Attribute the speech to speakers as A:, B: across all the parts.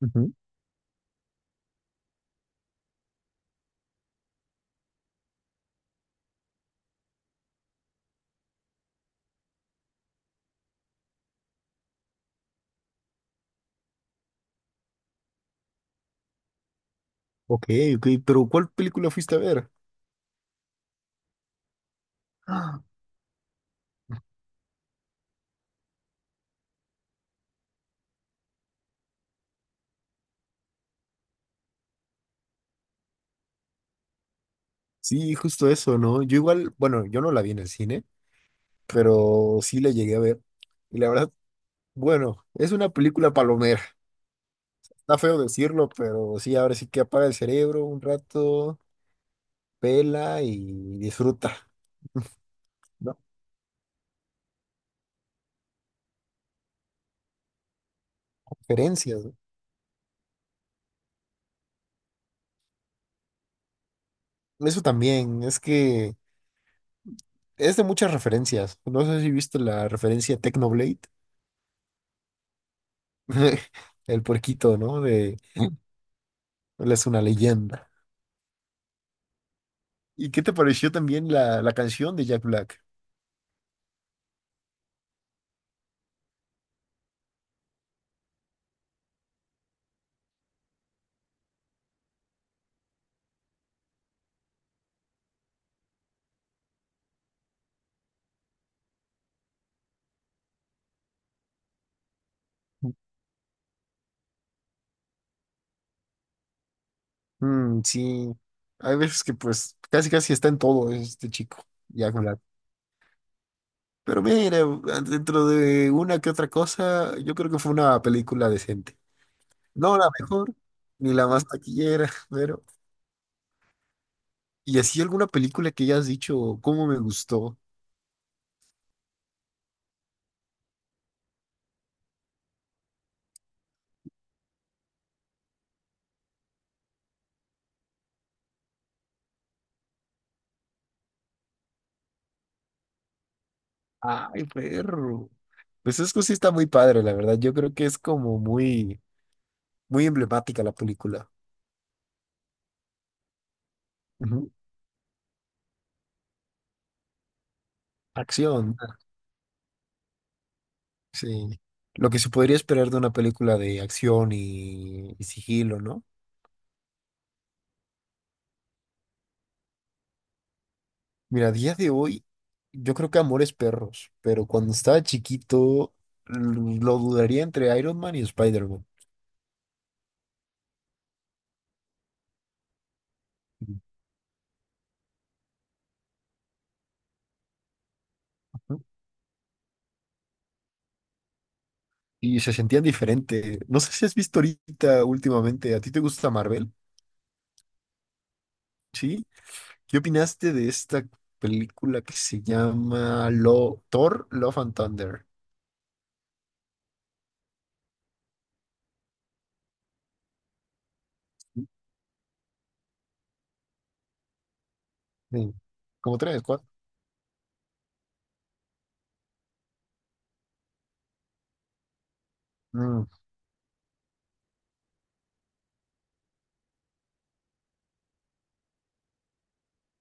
A: Ujú. Ok, ok, pero ¿cuál película fuiste a ver? Ah. Sí, justo eso, ¿no? Yo igual, bueno, yo no la vi en el cine, pero sí la llegué a ver. Y la verdad, bueno, es una película palomera. Está feo decirlo, pero sí, ahora sí que apaga el cerebro un rato, pela y disfruta, ¿no? Referencias, ¿no? Eso también, es que es de muchas referencias. No sé si viste la referencia Technoblade, el puerquito, ¿no? De él es una leyenda. ¿Y qué te pareció también la canción de Jack Black? Sí, hay veces que pues casi casi está en todo este chico, Jack Black. Pero mira, dentro de una que otra cosa, yo creo que fue una película decente. No la mejor, ni la más taquillera, pero... ¿Y así alguna película que ya has dicho, cómo me gustó? Ay, perro. Pues es que sí está muy padre, la verdad. Yo creo que es como muy, muy emblemática la película. Ujú. Acción. Sí. Lo que se podría esperar de una película de acción y sigilo, ¿no? Mira, a día de hoy, yo creo que Amores Perros, pero cuando estaba chiquito lo dudaría entre Iron Man y Spider-Man. Ujú. Y se sentían diferente. No sé si has visto ahorita últimamente, ¿a ti te gusta Marvel? ¿Sí? ¿Qué opinaste de esta película que se llama Lo Thor, Love and Thunder? Sí. Como tres, cuatro. Mm.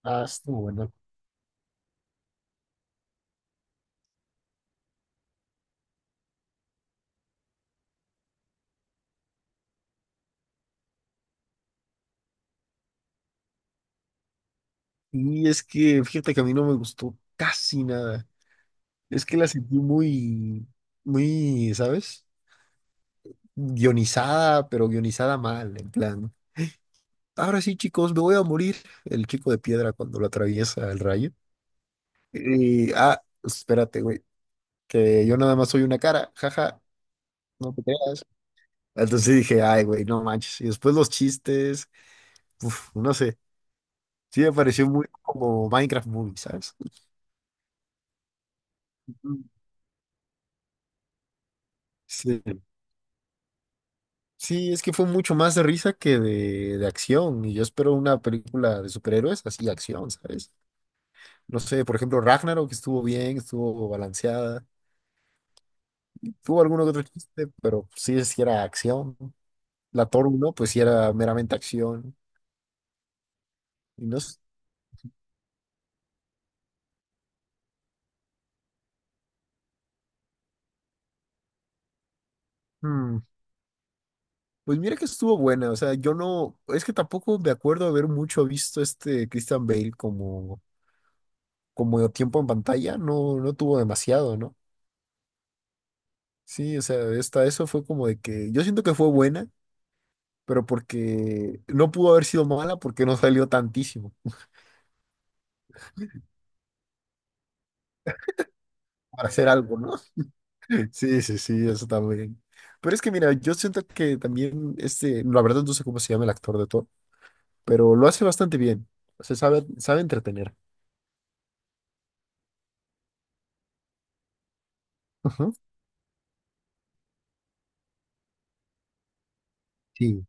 A: Ah, estuvo bueno. Y es que, fíjate que a mí no me gustó casi nada. Es que la sentí muy, muy, ¿sabes? Guionizada, pero guionizada mal, en plan. Ahora sí, chicos, me voy a morir. El chico de piedra cuando lo atraviesa el rayo. Y, ah, pues, espérate, güey, que yo nada más soy una cara, jaja, no te creas. Entonces sí dije, ay, güey, no manches. Y después los chistes, uf, no sé. Sí me pareció muy como Minecraft Movie, ¿sabes? Ujú. Sí. Sí, es que fue mucho más de risa que de acción. Y yo espero una película de superhéroes así, acción, ¿sabes? No sé, por ejemplo, Ragnarok estuvo bien, estuvo balanceada. Tuvo alguno que otro chiste, pero sí, sí era acción. La Thor uno pues sí era meramente acción. Y no s- hmm, Pues mira que estuvo buena. O sea, yo no. Es que tampoco me acuerdo haber mucho visto este Christian Bale como, como tiempo en pantalla. No, no tuvo demasiado, ¿no? Sí, o sea, esta, eso fue como de que yo siento que fue buena, pero porque no pudo haber sido mala porque no salió tantísimo para hacer algo, ¿no? Sí, sí, sí, eso también. Pero es que mira, yo siento que también este, la verdad no sé cómo se llama el actor de Thor, pero lo hace bastante bien. Se sabe, sabe entretener. Ujú, sí.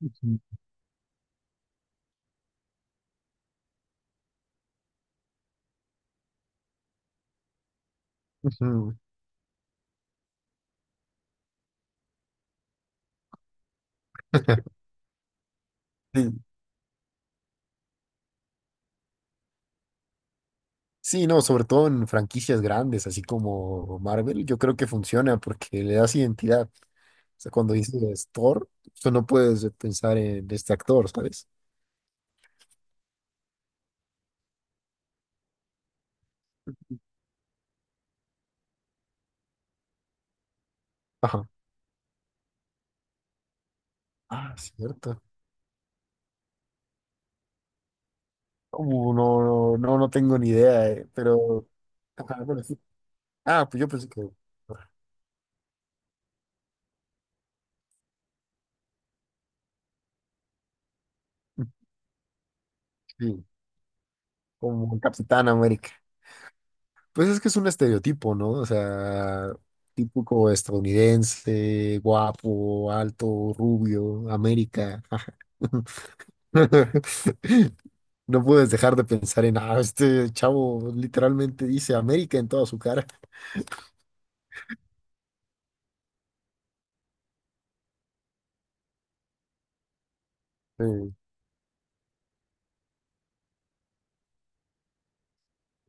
A: Ujú. Ujú. Sí, sí, no, sobre todo en franquicias grandes, así como Marvel, yo creo que funciona porque le das identidad. O sea, cuando dices Thor, tú no puedes pensar en este actor, ¿sabes? Ajá. Ah, cierto. No, no, no, no tengo ni idea, pero... Ajá, bueno, sí. Ah, pues yo pensé que... Sí, como Capitán América. Pues es que es un estereotipo, ¿no? O sea, típico estadounidense, guapo, alto, rubio, América. Jaja. No puedes dejar de pensar en, ah, este chavo literalmente dice América en toda su cara. Sí,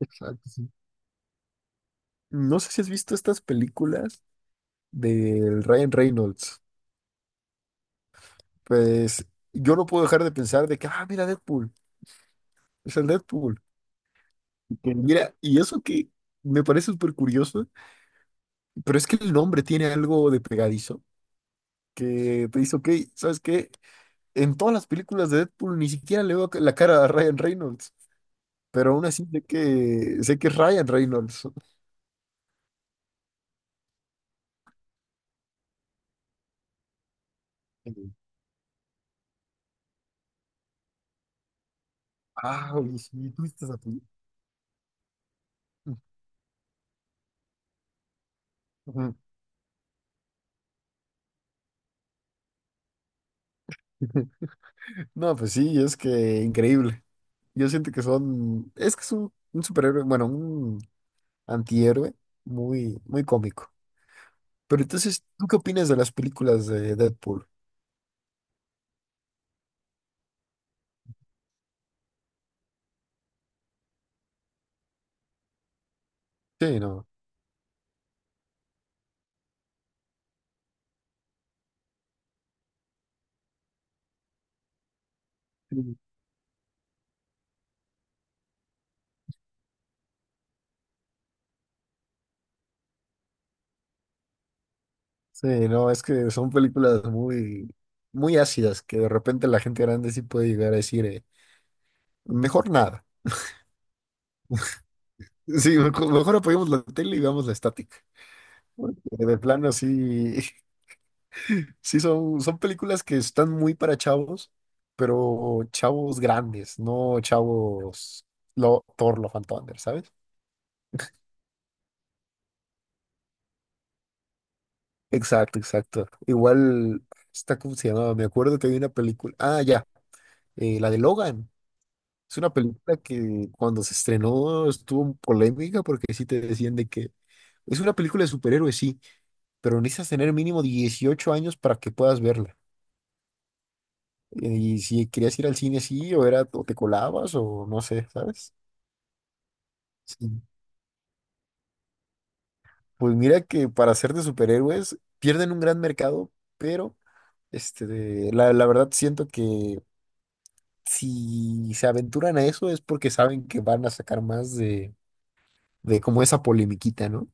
A: exacto, sí. No sé si has visto estas películas del Ryan Reynolds. Pues yo no puedo dejar de pensar de que, ah, mira Deadpool, es el Deadpool. Y que mira, y eso que me parece súper curioso, pero es que el nombre tiene algo de pegadizo, que te dice, ok, ¿sabes qué? En todas las películas de Deadpool ni siquiera le veo la cara a Ryan Reynolds, pero aún así sé que es Ryan Reynolds. Ah, oye, sí, tú viste esa película. Ujú. No, pues sí, es que increíble. Yo siento que son, es que es un superhéroe, bueno, antihéroe, muy, muy cómico. Pero entonces, ¿tú qué opinas de las películas de Deadpool? Sí, no. Sí, sí, no, es que son películas muy, muy ácidas que de repente la gente grande sí puede llegar a decir, mejor nada. Sí, mejor, mejor apoyemos la tele y veamos la estática. Porque de plano sí, sí son, son películas que están muy para chavos, pero chavos grandes, no chavos lo, Thor, Love and Thunder, ¿sabes? Exacto, exacto. Igual, está como se llamaba, me acuerdo que había una película, ah, ya, la de Logan. Es una película que cuando se estrenó estuvo en polémica porque sí te decían de que es una película de superhéroes, sí, pero necesitas tener mínimo 18 años para que puedas verla. Y si querías ir al cine así, o era, o te colabas, o no sé, ¿sabes? Sí. Pues mira que para ser de superhéroes pierden un gran mercado, pero este, la verdad siento que si se aventuran a eso es porque saben que van a sacar más de como esa polemiquita, ¿no?